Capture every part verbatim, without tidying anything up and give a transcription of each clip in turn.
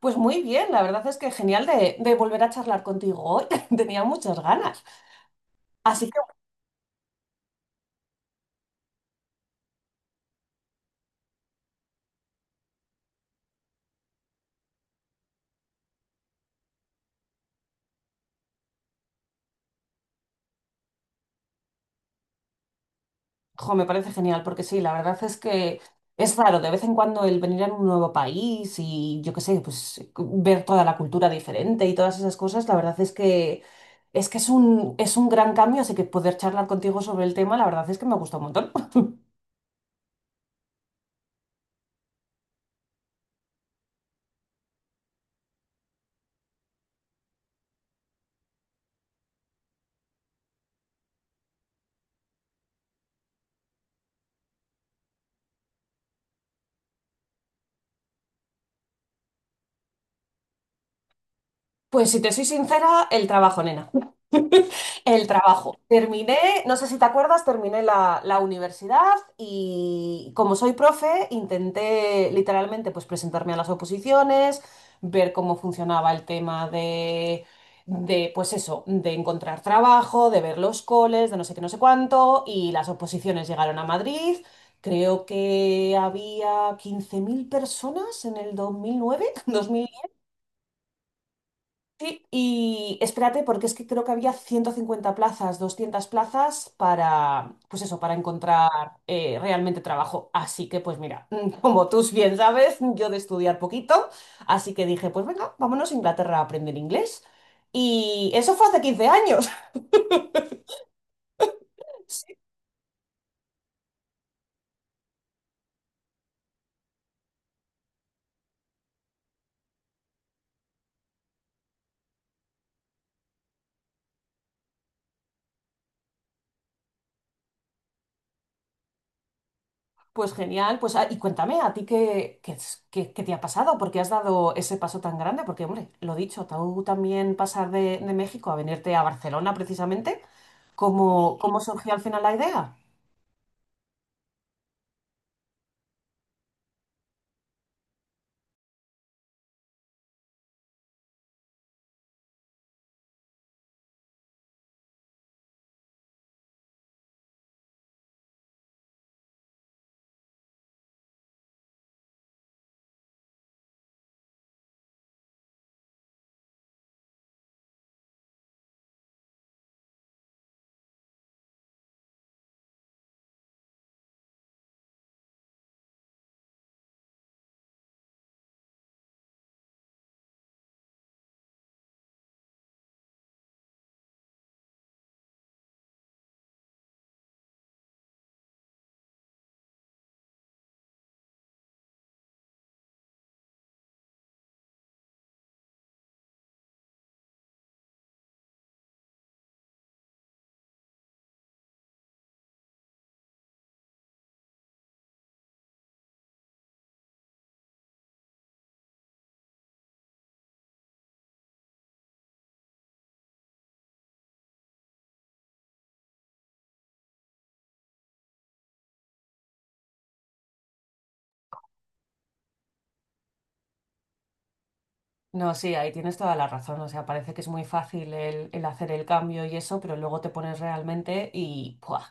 Pues muy bien, la verdad es que genial de, de volver a charlar contigo hoy. Tenía muchas ganas. Así que, jo, me parece genial, porque sí, la verdad es que es raro de vez en cuando el venir a un nuevo país y yo qué sé, pues ver toda la cultura diferente y todas esas cosas, la verdad es que es que es un, es un gran cambio, así que poder charlar contigo sobre el tema, la verdad es que me gusta un montón. Pues si te soy sincera, el trabajo, nena. El trabajo. Terminé, no sé si te acuerdas, terminé la, la universidad y como soy profe, intenté literalmente pues presentarme a las oposiciones, ver cómo funcionaba el tema de, de pues eso, de encontrar trabajo, de ver los coles, de no sé qué, no sé cuánto, y las oposiciones llegaron a Madrid. Creo que había quince mil personas en el dos mil nueve. Sí, y espérate, porque es que creo que había ciento cincuenta plazas, doscientas plazas para, pues eso, para encontrar eh, realmente trabajo. Así que, pues mira, como tú bien sabes, yo de estudiar poquito, así que dije, pues venga, vámonos a Inglaterra a aprender inglés. Y eso fue hace quince años. Sí. Pues genial, pues ah, y cuéntame, ¿a ti qué, qué, es- qué- qué te ha pasado? ¿Por qué has dado ese paso tan grande? Porque, hombre, lo dicho, tú también pasar de, de México a venirte a Barcelona precisamente. ¿Cómo, cómo surgió al final la idea? No, sí, ahí tienes toda la razón. O sea, parece que es muy fácil el, el hacer el cambio y eso, pero luego te pones realmente y ¡buah!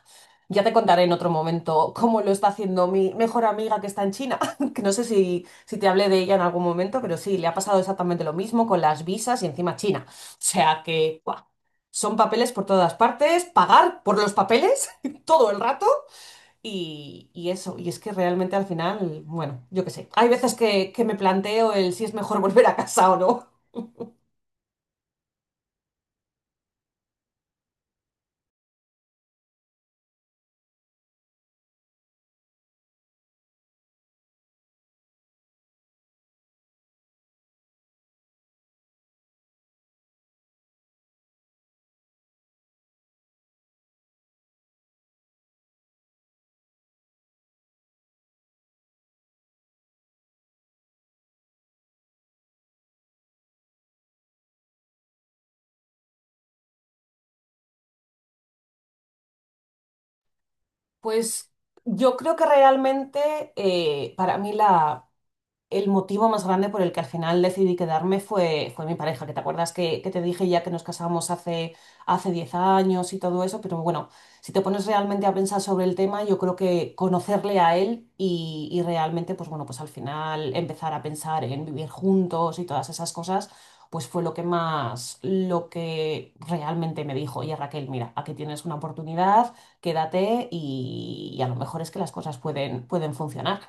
Ya te contaré en otro momento cómo lo está haciendo mi mejor amiga que está en China, que no sé si, si te hablé de ella en algún momento, pero sí, le ha pasado exactamente lo mismo con las visas y encima China. O sea que, ¡buah! Son papeles por todas partes, pagar por los papeles todo el rato. Y, y eso, y es que realmente al final, bueno, yo qué sé, hay veces que, que me planteo el si es mejor volver a casa o no. Pues yo creo que realmente eh, para mí la, El motivo más grande por el que al final decidí quedarme fue, fue mi pareja, que te acuerdas que, que te dije ya que nos casamos hace, hace diez años y todo eso, pero bueno, si te pones realmente a pensar sobre el tema, yo creo que conocerle a él y, y realmente, pues bueno, pues al final empezar a pensar en vivir juntos y todas esas cosas, pues fue lo que más, lo que realmente me dijo, oye Raquel, mira, aquí tienes una oportunidad, quédate y, y a lo mejor es que las cosas pueden, pueden funcionar.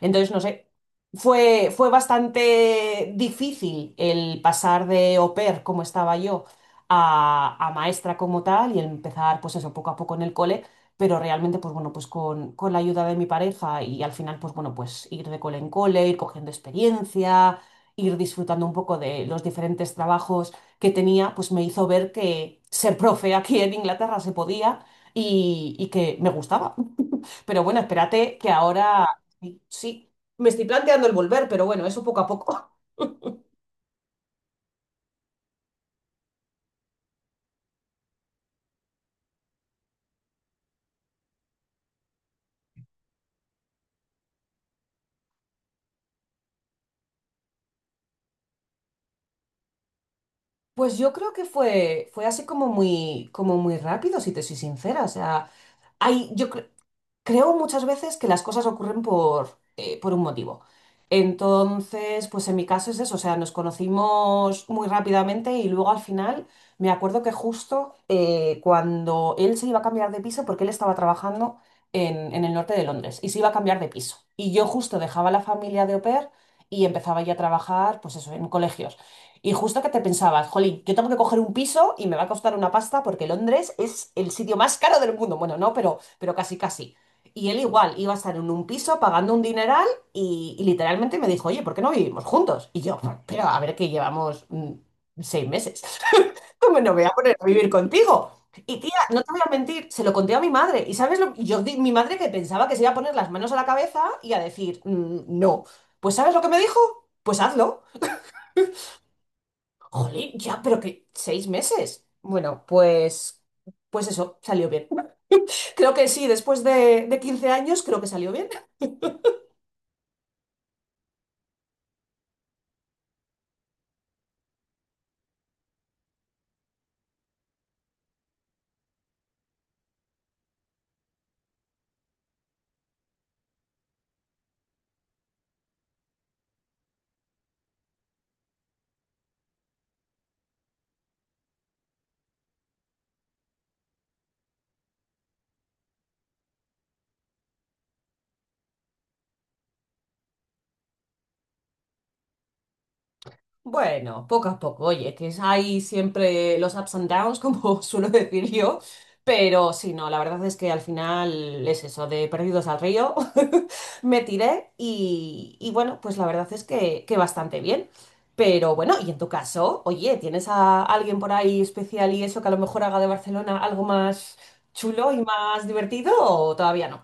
Entonces, no sé. Fue, fue bastante difícil el pasar de au pair, como estaba yo, a, a maestra como tal y empezar, pues eso, poco a poco en el cole, pero realmente, pues bueno, pues con, con la ayuda de mi pareja y al final, pues bueno, pues ir de cole en cole, ir cogiendo experiencia, ir disfrutando un poco de los diferentes trabajos que tenía, pues me hizo ver que ser profe aquí en Inglaterra se podía y y que me gustaba. Pero bueno, espérate que ahora sí, sí, me estoy planteando el volver, pero bueno, eso poco a poco. Pues yo creo que fue, fue así como muy, como muy rápido, si te soy sincera. O sea, hay, yo creo. Creo muchas veces que las cosas ocurren por, eh, por un motivo. Entonces, pues en mi caso es eso, o sea, nos conocimos muy rápidamente y luego al final me acuerdo que justo eh, cuando él se iba a cambiar de piso, porque él estaba trabajando en, en el norte de Londres y se iba a cambiar de piso. Y yo justo dejaba la familia de au pair y empezaba ya a trabajar, pues eso, en colegios. Y justo que te pensabas, jolín, yo tengo que coger un piso y me va a costar una pasta porque Londres es el sitio más caro del mundo. Bueno, no, pero, pero casi casi. Y él igual iba a estar en un piso pagando un dineral y, y literalmente me dijo, oye, ¿por qué no vivimos juntos? Y yo, pero a ver que llevamos mm, seis meses. ¿Cómo no me voy a poner a vivir contigo? Y tía, no te voy a mentir, se lo conté a mi madre. ¿Y sabes lo que yo di- mi madre que pensaba que se iba a poner las manos a la cabeza y a decir, "Mm, no." Pues ¿sabes lo que me dijo? Pues hazlo. Jolín, ya, pero que seis meses. Bueno, pues, pues eso, salió bien. Creo que sí, después de, de quince años, creo que salió bien. Bueno, poco a poco, oye, que es- hay siempre los ups and downs, como suelo decir yo, pero sí, no, la verdad es que al final es eso, de perdidos al río, me tiré y, y bueno, pues la verdad es que, que bastante bien. Pero bueno, y en tu caso, oye, ¿tienes a alguien por ahí especial y eso que a lo mejor haga de Barcelona algo más chulo y más divertido o todavía no?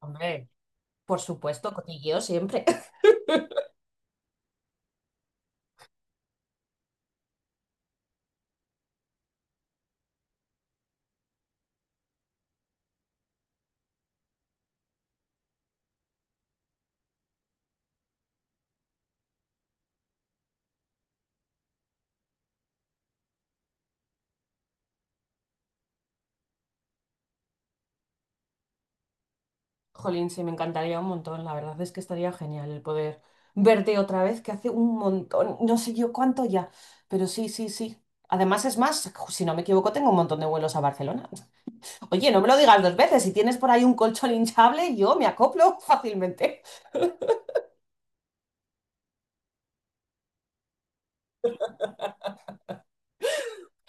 Hombre, por supuesto, cotilleo siempre. Jolín, sí, me encantaría un montón. La verdad es que estaría genial el poder verte otra vez, que hace un montón, no sé yo cuánto ya, pero sí, sí, sí. Además, es más, si no me equivoco, tengo un montón de vuelos a Barcelona. Oye, no me lo digas dos veces. Si tienes por ahí un colchón hinchable, yo me acoplo fácilmente.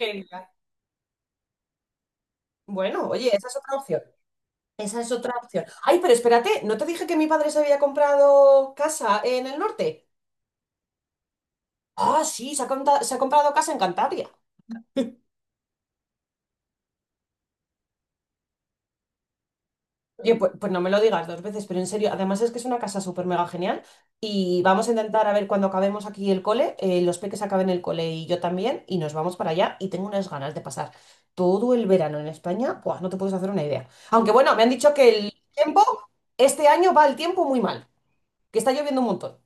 Genial. Bueno, oye, esa es otra opción. Esa es otra opción. Ay, pero espérate, ¿no te dije que mi padre se había comprado casa en el norte? Ah, sí, se ha, conta- se ha comprado casa en Cantabria. Oye, pues, pues no me lo digas dos veces, pero en serio, además es que es una casa súper mega genial y vamos a intentar a ver cuando acabemos aquí el cole, eh, los peques acaben el cole y yo también y nos vamos para allá y tengo unas ganas de pasar todo el verano en España. Buah, no te puedes hacer una idea. Aunque bueno, me han dicho que el tiempo, este año va el tiempo muy mal, que está lloviendo un montón.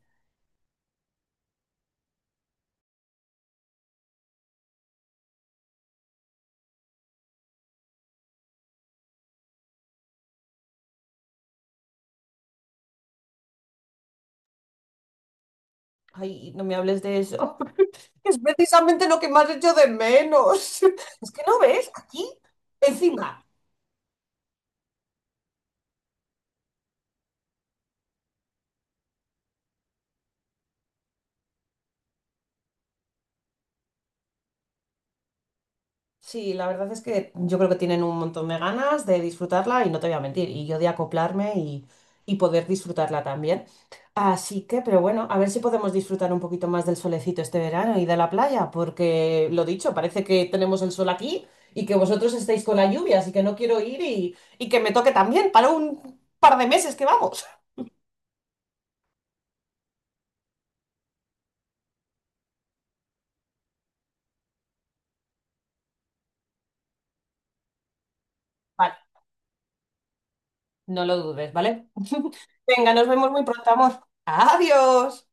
Ay, no me hables de eso. Es precisamente lo que más hecho de menos. Es que no ves, aquí, encima. Sí, la verdad es que yo creo que tienen un montón de ganas de disfrutarla y no te voy a mentir, y yo de acoplarme y, y poder disfrutarla también. Así que, pero bueno, a ver si podemos disfrutar un poquito más del solecito este verano y de la playa, porque lo dicho, parece que tenemos el sol aquí y que vosotros estáis con la lluvia, así que no quiero ir y, y que me toque también para un par de meses que vamos. Vale, no lo dudes, ¿vale? Venga, nos vemos muy pronto, amor. Adiós.